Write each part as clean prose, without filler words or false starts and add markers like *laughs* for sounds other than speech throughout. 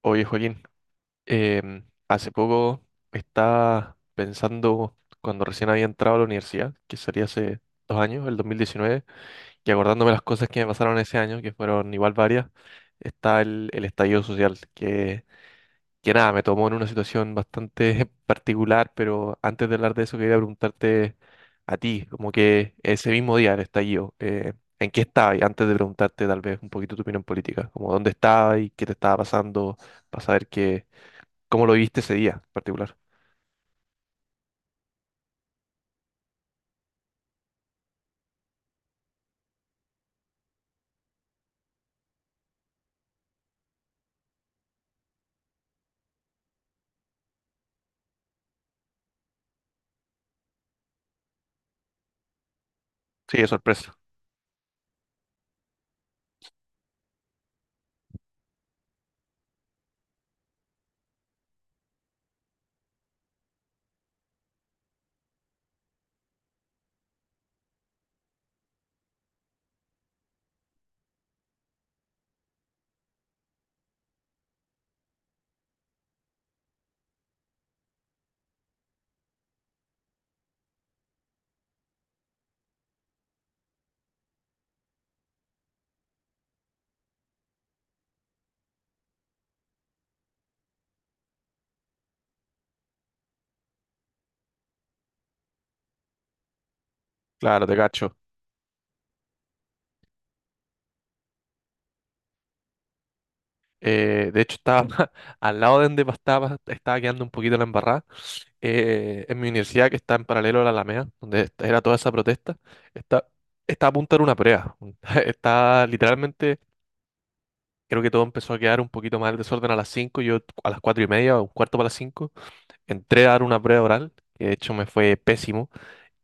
Oye, Joaquín, hace poco estaba pensando cuando recién había entrado a la universidad, que sería hace 2 años, el 2019, y acordándome las cosas que me pasaron ese año, que fueron igual varias, está el estallido social, que nada, me tomó en una situación bastante *laughs* particular, pero antes de hablar de eso quería preguntarte a ti, como que ese mismo día del estallido, ¿en qué estabas? Y antes de preguntarte tal vez un poquito tu opinión política, como dónde estabas y qué te estaba pasando, para saber qué. ¿Cómo lo viste ese día en particular? Sí, de sorpresa. Claro, te cacho. De hecho, estaba *laughs* al lado de donde estaba quedando un poquito la embarrada. En mi universidad, que está en paralelo a la Alameda, donde era toda esa protesta, está, está a punto de una prueba. *laughs* Está literalmente, creo que todo empezó a quedar un poquito más el desorden a las 5. Yo a las 4 y media, o un cuarto para las 5, entré a dar una prueba oral, que de hecho me fue pésimo.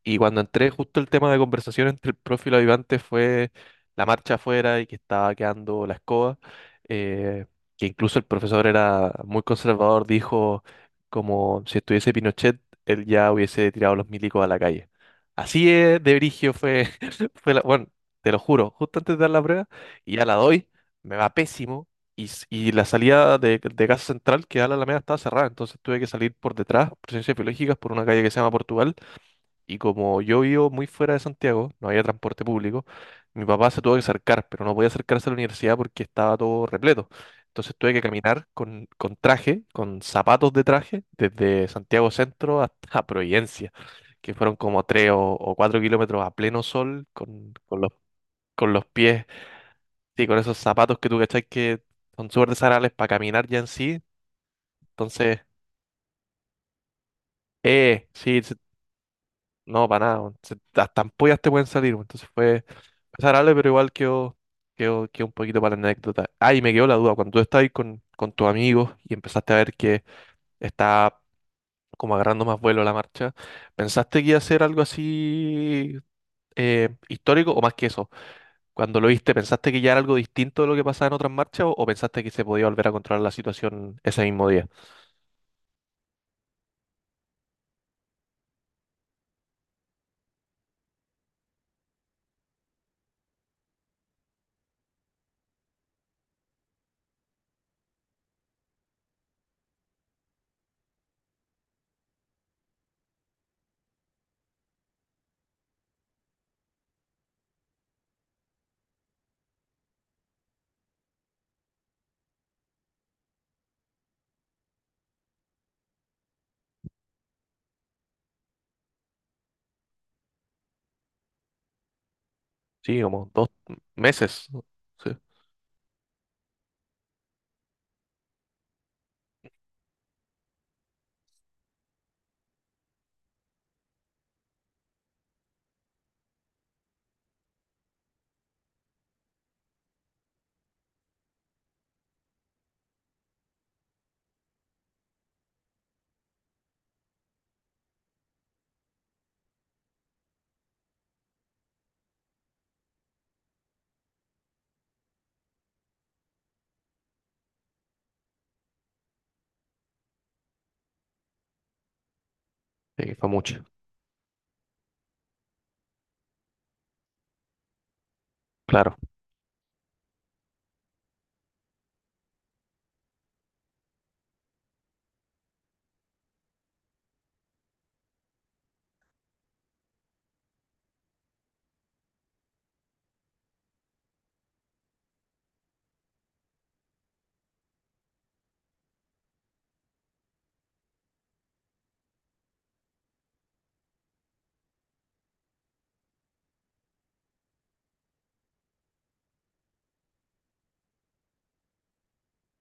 Y cuando entré, justo el tema de conversación entre el profe y los ayudantes fue la marcha afuera y que estaba quedando la escoba. eh, que incluso el profesor era muy conservador, dijo como si estuviese Pinochet, él ya hubiese tirado los milicos a la calle. Así es, de brigio fue, *laughs* bueno, te lo juro, justo antes de dar la prueba, y ya la doy, me va pésimo. Y la salida de Casa Central, que da a la Alameda, estaba cerrada, entonces tuve que salir por detrás, por Ciencias Biológicas, por una calle que se llama Portugal. Y como yo vivo muy fuera de Santiago, no había transporte público, mi papá se tuvo que acercar, pero no podía acercarse a la universidad porque estaba todo repleto. Entonces tuve que caminar con traje, con zapatos de traje, desde Santiago Centro hasta *laughs* Providencia, que fueron como tres o cuatro kilómetros a pleno sol, con con los pies, sí, con esos zapatos que tú cachai que son súper desagradables para caminar ya en sí. Entonces, sí. No, para nada, weón. Hasta ampollas te pueden salir, weón. Entonces fue desagradable, pero igual quedó un poquito para la anécdota. Ah, y me quedó la duda, cuando tú estabas ahí con tus amigos y empezaste a ver que está como agarrando más vuelo la marcha, ¿pensaste que iba a ser algo así histórico o más que eso? Cuando lo viste, ¿pensaste que ya era algo distinto de lo que pasaba en otras marchas o pensaste que se podía volver a controlar la situación ese mismo día? Sí, como dos meses, ¿no? Sí, sí, fue mucho. Claro.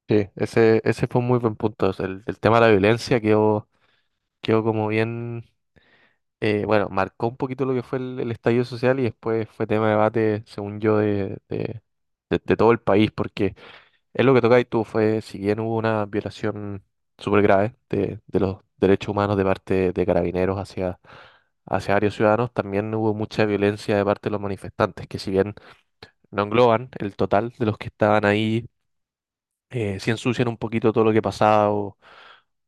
Sí, ese fue un muy buen punto. O sea, el tema de la violencia quedó como bien, bueno, marcó un poquito lo que fue el estallido social y después fue tema de debate, según yo, de todo el país, porque es lo que toca y tú fue, si bien hubo una violación súper grave de los derechos humanos de parte de carabineros hacia, hacia varios ciudadanos, también hubo mucha violencia de parte de los manifestantes, que si bien no engloban el total de los que estaban ahí, sí ensucian un poquito todo lo que pasaba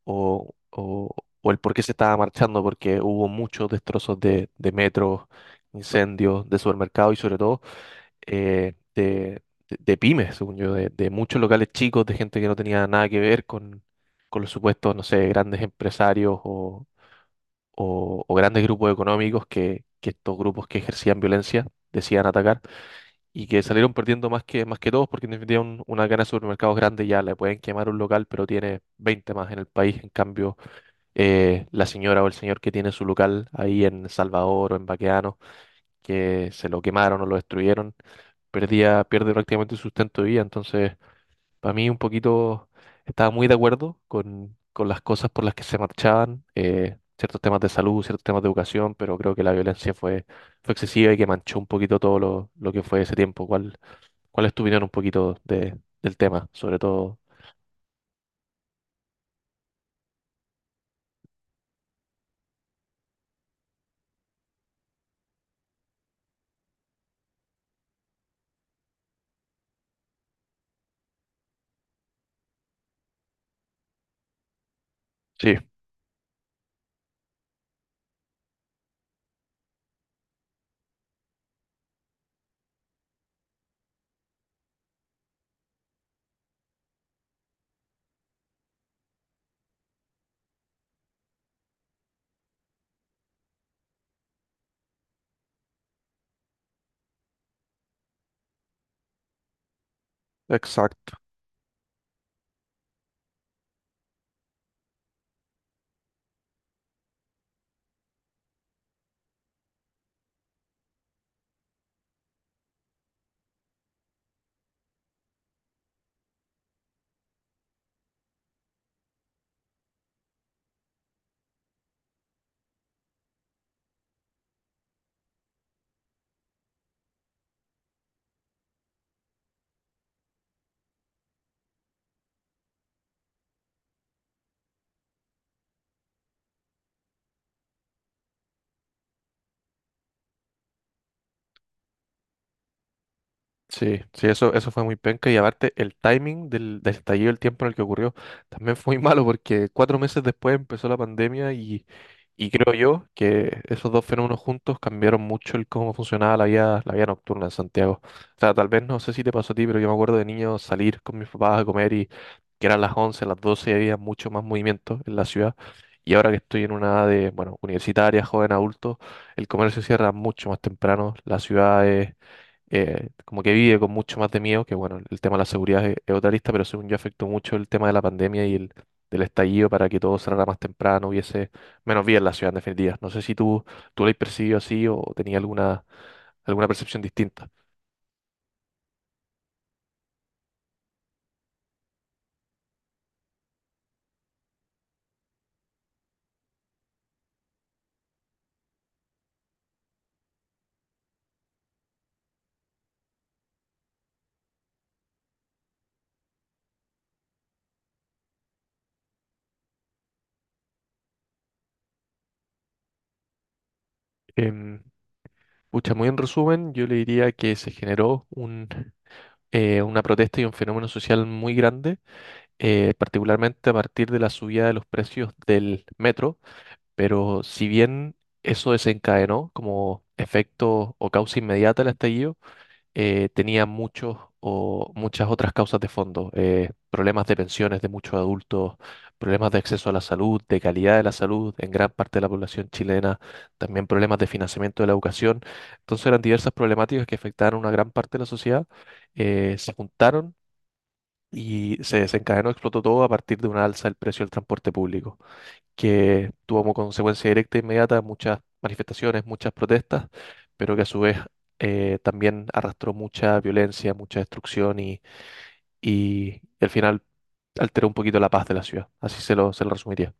o, o- o el por qué se estaba marchando, porque hubo muchos destrozos de metros, incendios, de supermercados y sobre todo eh, de, de pymes, según yo, de muchos locales chicos, de gente que no tenía nada que ver con los supuestos, no sé, grandes empresarios o grandes grupos económicos que estos grupos que ejercían violencia decían atacar y que salieron perdiendo más más que todos porque en definitiva una cadena de supermercados grande ya le pueden quemar un local, pero tiene 20 más en el país. En cambio, la señora o el señor que tiene su local ahí en Salvador o en Baqueano que se lo quemaron o lo destruyeron, pierde prácticamente su sustento de vida. Entonces, para mí un poquito estaba muy de acuerdo con las cosas por las que se marchaban, ciertos temas de salud, ciertos temas de educación, pero creo que la violencia fue excesiva y que manchó un poquito todo lo que fue ese tiempo. ¿Cuál es tu opinión un poquito de, del tema? Sobre todo, sí. Exacto. Sí, sí, eso fue muy penca y aparte el timing del estallido, el tiempo en el que ocurrió, también fue muy *laughs* malo porque 4 meses después empezó la pandemia y creo yo que esos dos fenómenos juntos cambiaron mucho el cómo funcionaba la vida nocturna en Santiago. O sea, tal vez no sé si te pasó a ti, pero yo me acuerdo de niño salir con mis papás a comer y que eran las 11, las 12 y había mucho más movimiento en la ciudad. Y ahora que estoy en una edad de, bueno, universitaria, joven adulto, el comercio cierra mucho más temprano, la ciudad es como que vive con mucho más de miedo, que bueno, el tema de la seguridad es otra lista, pero según yo afectó mucho el tema de la pandemia y del estallido para que todo cerrara más temprano, hubiese menos vida en la ciudad en definitiva. No sé si tú lo has percibido así o tenías alguna percepción distinta. Em, pucha, muy en resumen, yo le diría que se generó una protesta y un fenómeno social muy grande, particularmente a partir de la subida de los precios del metro. Pero si bien eso desencadenó como efecto o causa inmediata el estallido, tenía muchos o muchas otras causas de fondo, problemas de pensiones de muchos adultos, problemas de acceso a la salud, de calidad de la salud en gran parte de la población chilena, también problemas de financiamiento de la educación. Entonces eran diversas problemáticas que afectaban a una gran parte de la sociedad, se juntaron y se desencadenó, explotó todo a partir de una alza del precio del transporte público que tuvo como consecuencia directa e inmediata muchas manifestaciones, muchas protestas, pero que a su vez también arrastró mucha violencia, mucha destrucción y al final alteró un poquito la paz de la ciudad. Así se lo resumiría.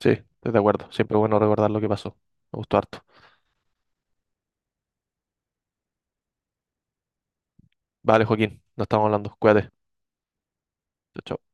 Sí, estoy de acuerdo. Siempre es bueno recordar lo que pasó. Me gustó harto. Vale, Joaquín, nos estamos hablando. Cuídate. Chao, chao.